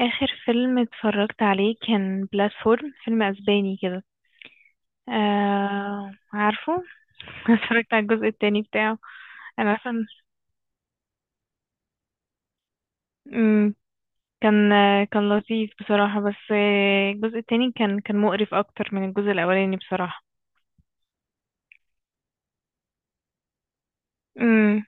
آخر فيلم اتفرجت عليه كان بلاتفورم، فيلم أسباني كده. آه عارفه. اتفرجت على الجزء التاني بتاعه. أنا عارفة إن- مم، كان كان لطيف بصراحة، بس الجزء التاني كان مقرف أكتر من الجزء الأولاني بصراحة. مم،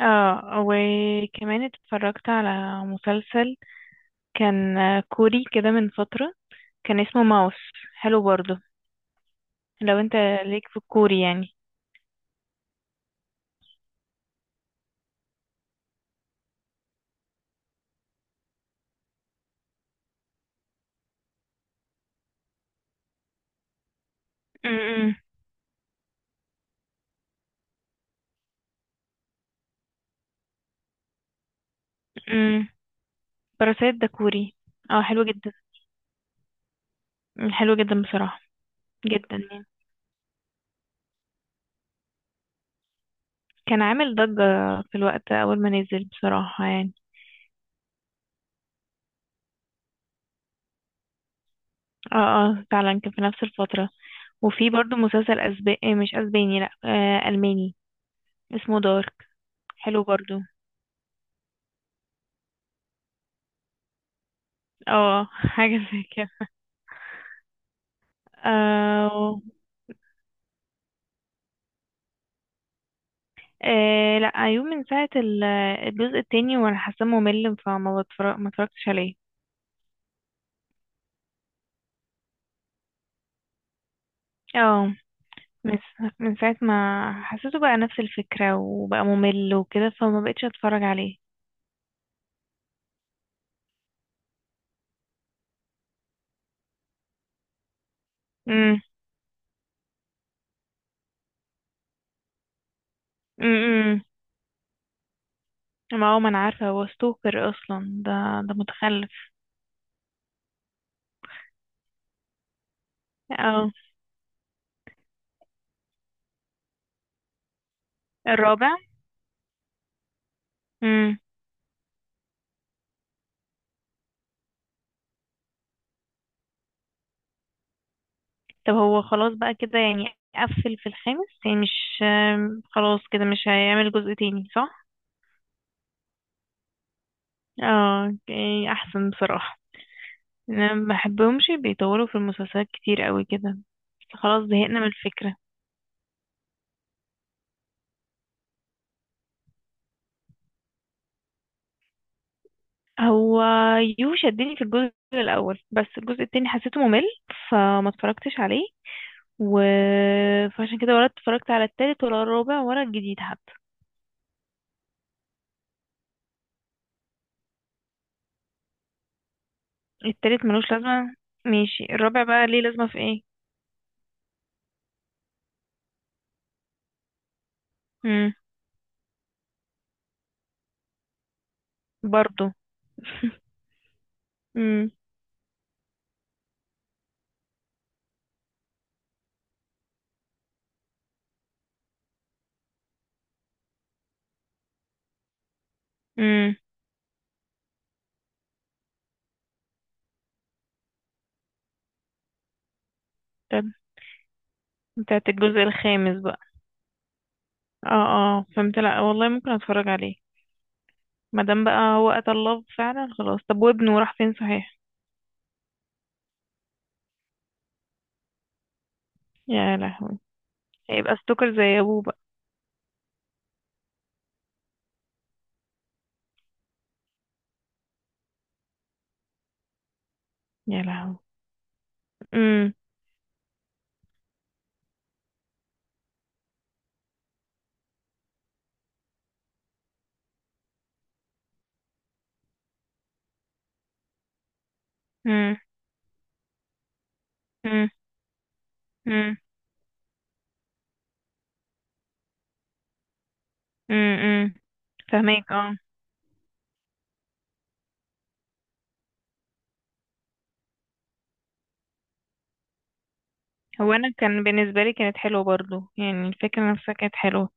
اه، وكمان اتفرجت على مسلسل كان كوري كده من فترة. كان اسمه ماوس، حلو برضه. لو انت ليك في الكوري يعني. مم، مم، باراسايت ده كوري. اه حلو جدا، حلو جدا بصراحة. جدا يعني. كان عامل ضجة في الوقت أول ما نزل بصراحة يعني. اه اه فعلا كان في نفس الفترة. وفي برضو مسلسل أسباني، مش أسباني، لأ آه ألماني، اسمه دارك. حلو برضو. اه حاجة زي كده. آه. لأ أيوه، من ساعة الجزء التاني وأنا حاسة ممل، فما بتفرج ما اتفرجتش عليه. اه. بس من ساعة ما حسيته بقى نفس الفكرة وبقى ممل وكده، فما بقتش اتفرج عليه. امم. امم. ما هو ما انا عارفة هو ستوكر اصلا ده، ده متخلف. اه. الرابع. امم. طب هو خلاص بقى كده يعني، قفل في الخامس يعني، مش خلاص كده مش هيعمل جزء تاني، صح؟ اه اوكي، احسن بصراحة. انا ما بحبهمش بيطولوا في المسلسلات كتير قوي كده، بس خلاص زهقنا من الفكرة. هو يو شدني في الجزء الاول، بس الجزء التاني حسيته ممل، فما اتفرجتش عليه. و... فعشان كده ولا اتفرجت على التالت ولا الرابع ولا الجديد حتى. التالت ملوش لازمة، ماشي. الرابع بقى ليه لازمة، في ايه؟ امم. برضو. امم. امم. طب بتاعت الجزء الخامس بقى. اه. اه فهمت، لا والله ممكن اتفرج عليه مادام بقى هو قتل الله فعلا خلاص. طب وابنه راح فين صحيح؟ يا لهوي. هيبقى ستوكر زي ابوه بقى. يا لهوي. امم. امم. امم. امم. فهماك اه. هو انا كان بالنسبه لي كانت حلوه برضو، يعني الفكره نفسها كانت حلوه.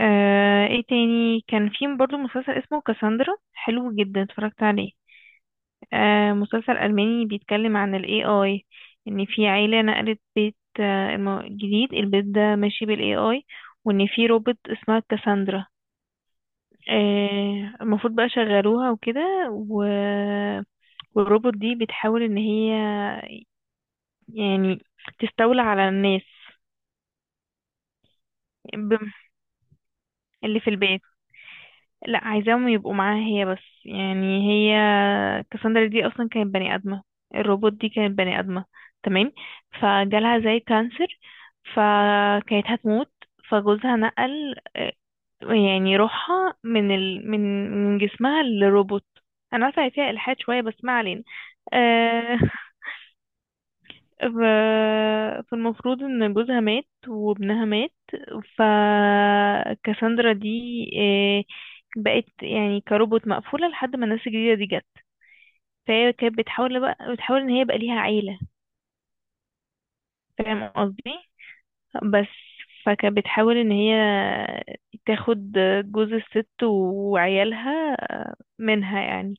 آه، ايه تاني كان في برضو مسلسل اسمه كاساندرا، حلو جدا، اتفرجت عليه. آه مسلسل الماني بيتكلم عن الاي اي. ان في عيله نقلت بيت، آه جديد، البيت ده ماشي بالاي اي. وان في روبوت اسمها كاساندرا. المفروض بقى شغلوها وكده. و... والروبوت دي بتحاول ان هي يعني تستولى على الناس. بم- اللي في البيت. لا، عايزاهم يبقوا معاها هي بس يعني. هي كاساندرا دي اصلا كانت بني ادمه. الروبوت دي كانت بني ادمه، تمام. فجالها زي كانسر، فكانت هتموت. فجوزها نقل يعني روحها من من جسمها للروبوت. انا عارفه هي فيها الحاد شويه، بس ما علينا. آه، فالمفروض ان جوزها مات وابنها مات. فكاساندرا دي آه، بقت يعني كروبوت مقفولة لحد ما الناس الجديدة دي جت. فهي كانت بتحاول ان هي يبقى ليها عيلة. فاهم قصدي؟ بس. فكانت بتحاول ان هي تاخد جوز الست وعيالها منها يعني.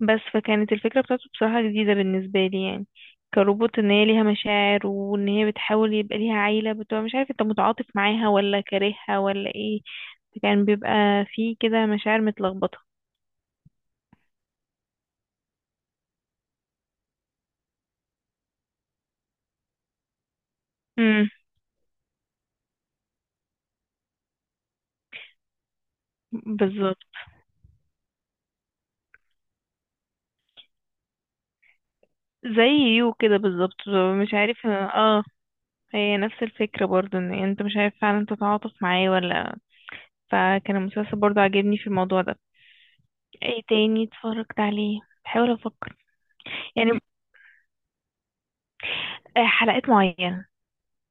بس فكانت الفكرة بتاعته بصراحة جديدة بالنسبة لي يعني. كروبوت ان هي ليها مشاعر وان هي بتحاول يبقى ليها عيلة، بتبقى مش عارف انت متعاطف معاها ولا كارهها ولا ايه. فكان بيبقى فيه كده مشاعر متلخبطة. امم، بالظبط. زي يو كده بالظبط. مش عارف اه. هي نفس الفكرة برضو، ان انت مش عارف فعلا تتعاطف معاه ولا. فكان المسلسل برضو عاجبني في الموضوع ده. ايه تاني اتفرجت عليه؟ بحاول افكر. يعني حلقات معينة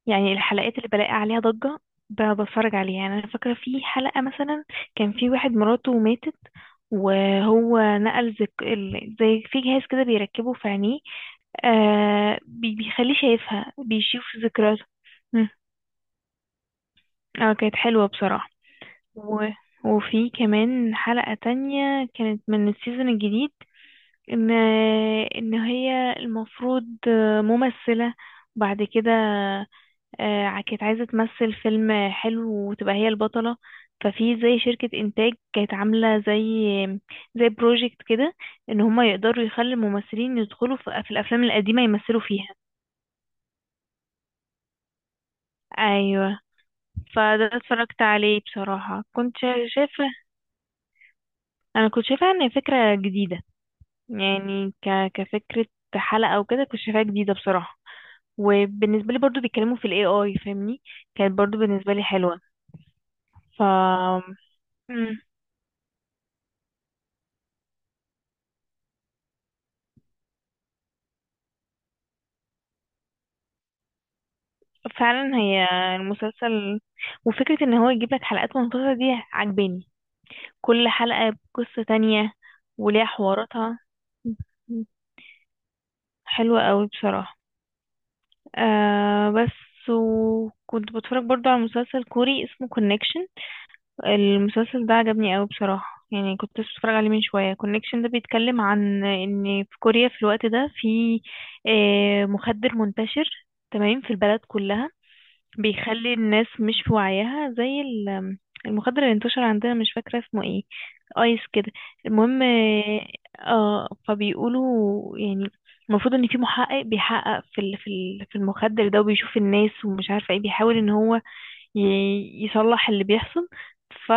يعني، الحلقات اللي بلاقي عليها ضجة بتفرج عليها يعني. أنا فاكرة في حلقة مثلا كان في واحد مراته ماتت، وهو نقل زي في جهاز كده بيركبه في عينيه، بيخليه شايفها، بيشوف ذكرياته. مم. اه كانت حلوة بصراحة. و... وفي كمان حلقة تانية كانت من السيزون الجديد، ان ان هي المفروض ممثلة، بعد كده كانت عايزة تمثل فيلم حلو وتبقى هي البطلة. ففي زي شركة إنتاج كانت عاملة زي زي بروجكت كده، إن هما يقدروا يخلي الممثلين يدخلوا في في الأفلام القديمة يمثلوا فيها. أيوة. فده اتفرجت عليه بصراحة، كنت شايفة. أنا كنت شايفة إن فكرة جديدة يعني، كفكرة حلقة أو كده كنت شايفاها جديدة بصراحة. وبالنسبة لي برضو بيتكلموا في ال AI، فاهمني، كانت برضو بالنسبة لي حلوة. ف مم. فعلا هي المسلسل. وفكرة ان هو يجيب لك حلقات منفصلة دي عجباني، كل حلقة بقصة تانية وليها حواراتها. حلوة قوي بصراحة. آه بس، وكنت بتفرج برضو على مسلسل كوري اسمه كونكشن. المسلسل ده عجبني قوي بصراحة، يعني كنت لسه بتفرج عليه من شوية. كونكشن ده بيتكلم عن ان في كوريا في الوقت ده في آه مخدر منتشر تمام في البلد كلها، بيخلي الناس مش في وعيها، زي المخدر اللي انتشر عندنا مش فاكرة اسمه ايه، ايس كده. المهم، اه فبيقولوا يعني المفروض ان في محقق بيحقق في في المخدر ده، وبيشوف الناس ومش عارفة ايه، بيحاول ان هو يصلح اللي بيحصل. ف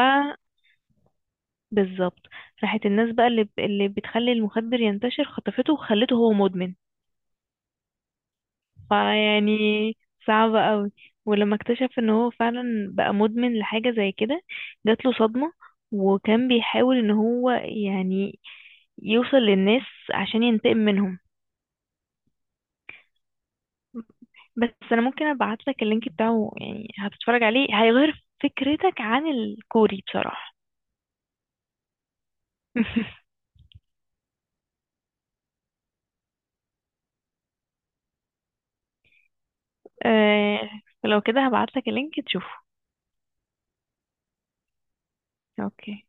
بالظبط. راحت الناس بقى اللي بتخلي المخدر ينتشر، خطفته وخلته هو مدمن. فيعني صعبة قوي. ولما اكتشف ان هو فعلا بقى مدمن لحاجة زي كده، جات له صدمة، وكان بيحاول ان هو يعني يوصل للناس عشان ينتقم منهم. بس انا ممكن ابعت لك اللينك بتاعه يعني، هتتفرج عليه هيغير فكرتك عن الكوري بصراحة. آه، فلو كده هبعت لك اللينك تشوفه. اوكي.